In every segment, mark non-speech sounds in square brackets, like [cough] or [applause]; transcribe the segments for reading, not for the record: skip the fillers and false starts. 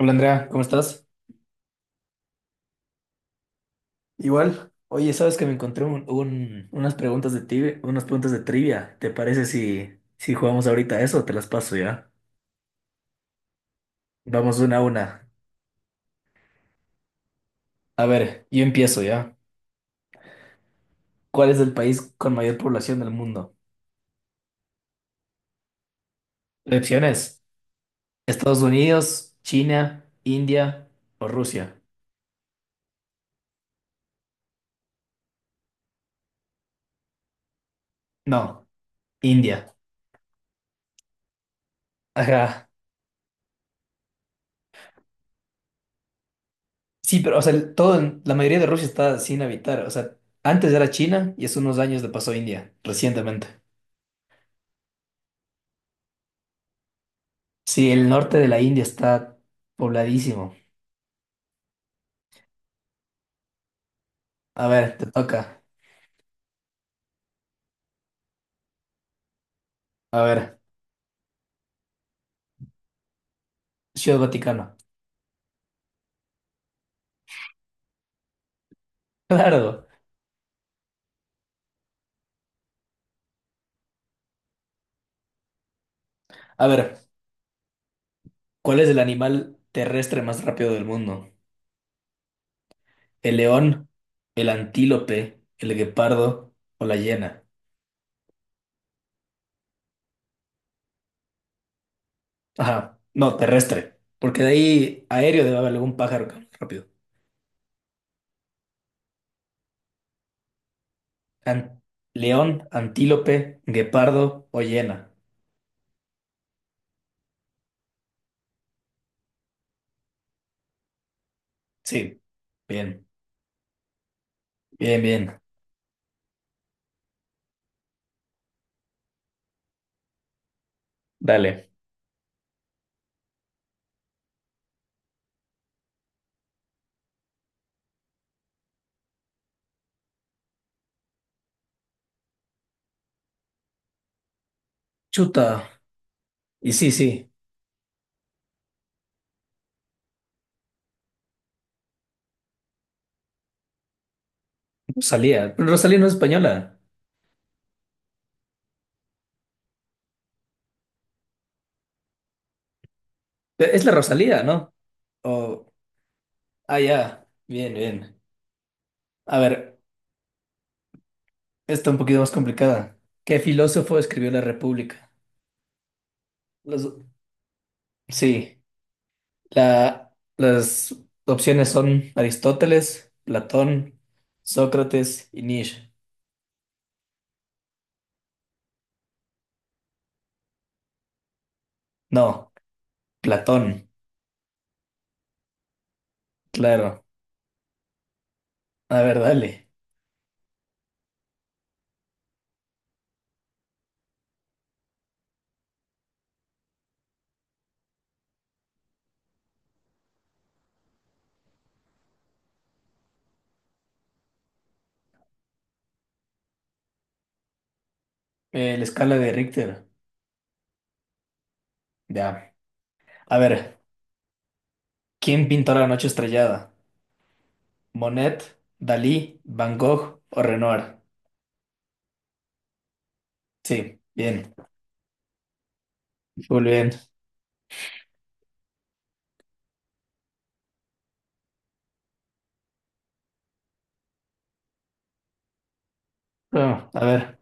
Hola Andrea, ¿cómo estás? Igual, oye, sabes que me encontré unas preguntas de trivia. ¿Te parece si jugamos ahorita a eso? Te las paso ya. Vamos una. A ver, yo empiezo ya. ¿Cuál es el país con mayor población del mundo? Opciones: Estados Unidos, China, India o Rusia. No, India. Ajá. Sí, pero o sea, la mayoría de Rusia está sin habitar. O sea, antes era China y hace unos años le pasó a India, recientemente. Sí, el norte de la India está pobladísimo. A ver, te toca. A ver, Ciudad Vaticano. [laughs] Claro. A ver, ¿cuál es el animal terrestre más rápido del mundo? ¿El león, el antílope, el guepardo o la hiena? Ajá, no, terrestre. Porque de ahí aéreo debe haber algún pájaro que hable rápido. An- león, antílope, guepardo o hiena. Sí, bien, bien, bien. Dale. Chuta. Y sí, sí, Rosalía. Pero Rosalía no es española. Es la Rosalía, ¿no? Oh, ah, ya. Bien, bien. A ver, está un poquito más complicada. ¿Qué filósofo escribió La República? Los- sí, las opciones son Aristóteles, Platón, Sócrates y Nietzsche. No, Platón, claro. A ver, dale. La escala de Richter. Ya. A ver, ¿quién pintó La Noche Estrellada? ¿Monet, Dalí, Van Gogh o Renoir? Sí, bien. Muy bien. Ah,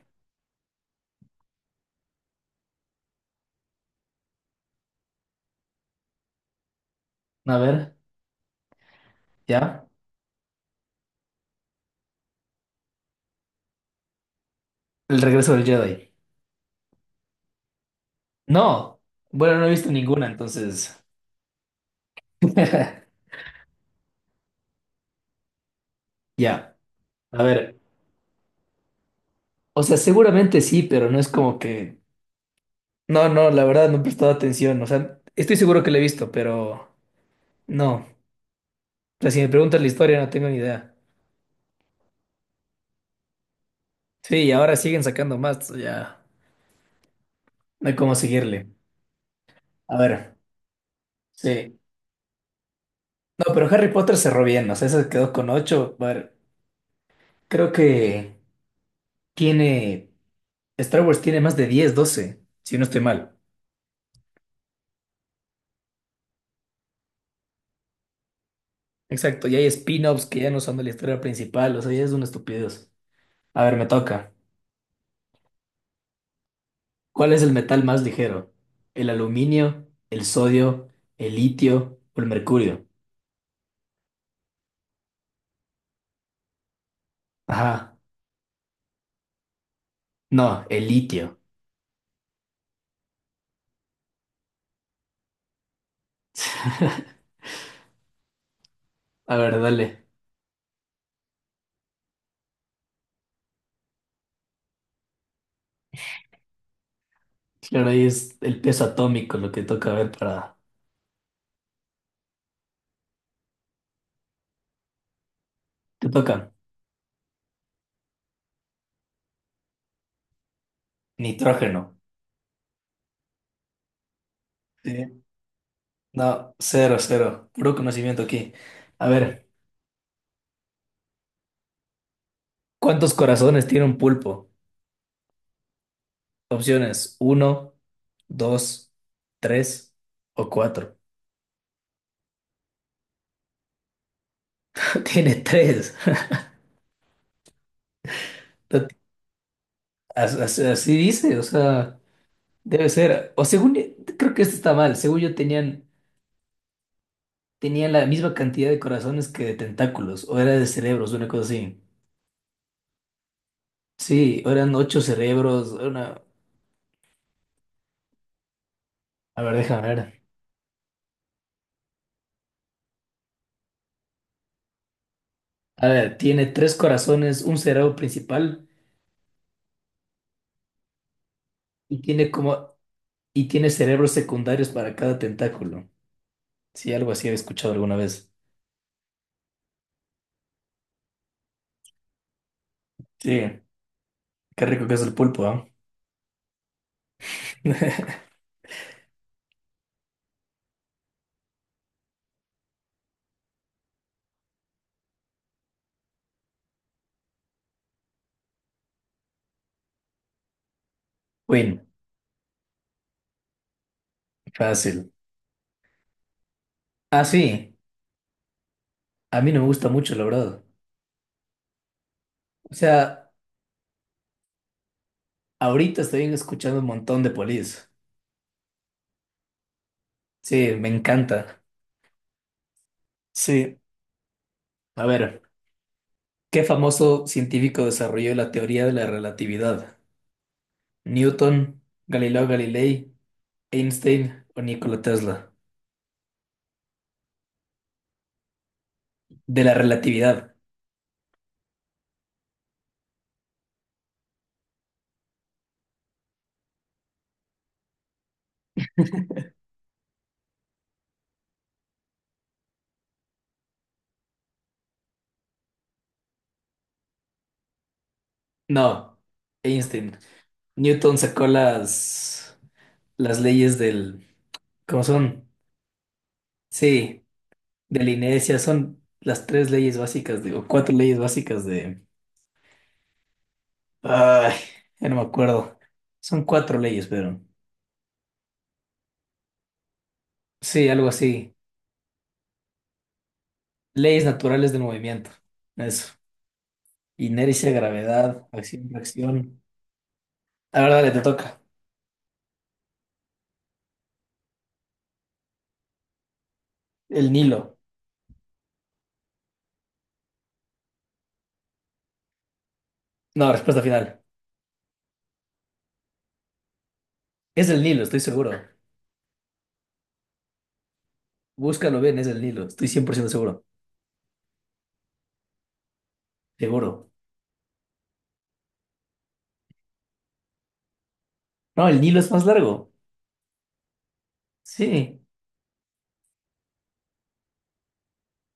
a ver, ya. El regreso del Jedi. No, bueno, no he visto ninguna, entonces. [laughs] Ya, a ver. O sea, seguramente sí, pero no es como que. No, no, la verdad no he prestado atención. O sea, estoy seguro que la he visto, pero no. O sea, si me preguntas la historia, no tengo ni idea. Sí, y ahora siguen sacando más, ya. No hay cómo seguirle. A ver, sí. No, pero Harry Potter cerró bien, o sea, se quedó con ocho. A ver, creo que tiene. Star Wars tiene más de 10, 12, si no estoy mal. Exacto, y hay spin-offs que ya no son de la historia principal, o sea, ya es una estupidez. A ver, me toca. ¿Cuál es el metal más ligero? ¿El aluminio, el sodio, el litio o el mercurio? Ajá, no, el litio. [laughs] A ver, dale. Claro, ahí es el peso atómico lo que toca ver para... Te toca. Nitrógeno. Sí. No, cero, cero. Puro conocimiento aquí. A ver, ¿cuántos corazones tiene un pulpo? Opciones: uno, dos, 3 o cuatro. [laughs] Tiene tres. Así, así dice, o sea, debe ser. O según, creo que esto está mal. Según yo tenían la misma cantidad de corazones que de tentáculos, o era de cerebros, una cosa así. Sí, o eran 8 cerebros, una... A ver, déjame ver. A ver, tiene 3 corazones, un cerebro principal y tiene como... y tiene cerebros secundarios para cada tentáculo. Sí, algo así he escuchado alguna vez. Sí. Qué rico que es el pulpo, ¿ah? [laughs] Win, fácil. Ah, sí, a mí no me gusta mucho, la verdad. O sea, ahorita estoy escuchando un montón de polis. Sí, me encanta. Sí, a ver, ¿qué famoso científico desarrolló la teoría de la relatividad? ¿Newton, Galileo Galilei, Einstein o Nikola Tesla? De la relatividad. No, Einstein. Newton sacó las leyes del... ¿Cómo son? Sí. De la inercia, son las tres leyes básicas, digo, cuatro leyes básicas de... Ay, ya no me acuerdo. Son cuatro leyes, pero... Sí, algo así. Leyes naturales del movimiento. Eso. Inercia, gravedad, acción, reacción. La verdad, le te toca. El Nilo. No, respuesta final. Es el Nilo, estoy seguro. Búscalo bien, es el Nilo. Estoy 100% seguro. Seguro. No, el Nilo es más largo. Sí.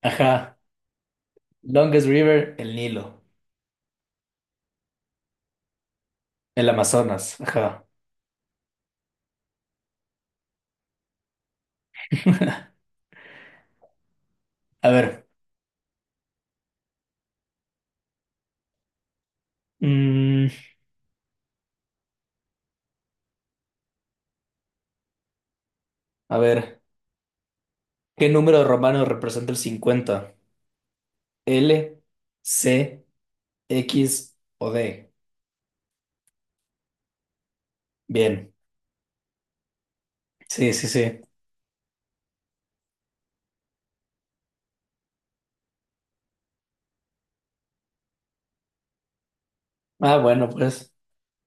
Ajá. Longest River, el Nilo. El Amazonas. Ajá. A ver. Mm, a ver, ¿qué número romano representa el 50? ¿L, C, X o D? Bien, sí, sí, sí. Ah, bueno, pues,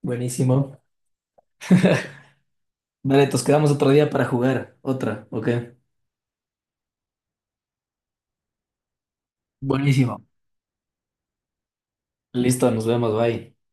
buenísimo. [laughs] Vale, nos quedamos otro día para jugar. Otra, ok. Buenísimo. Listo, nos vemos, bye.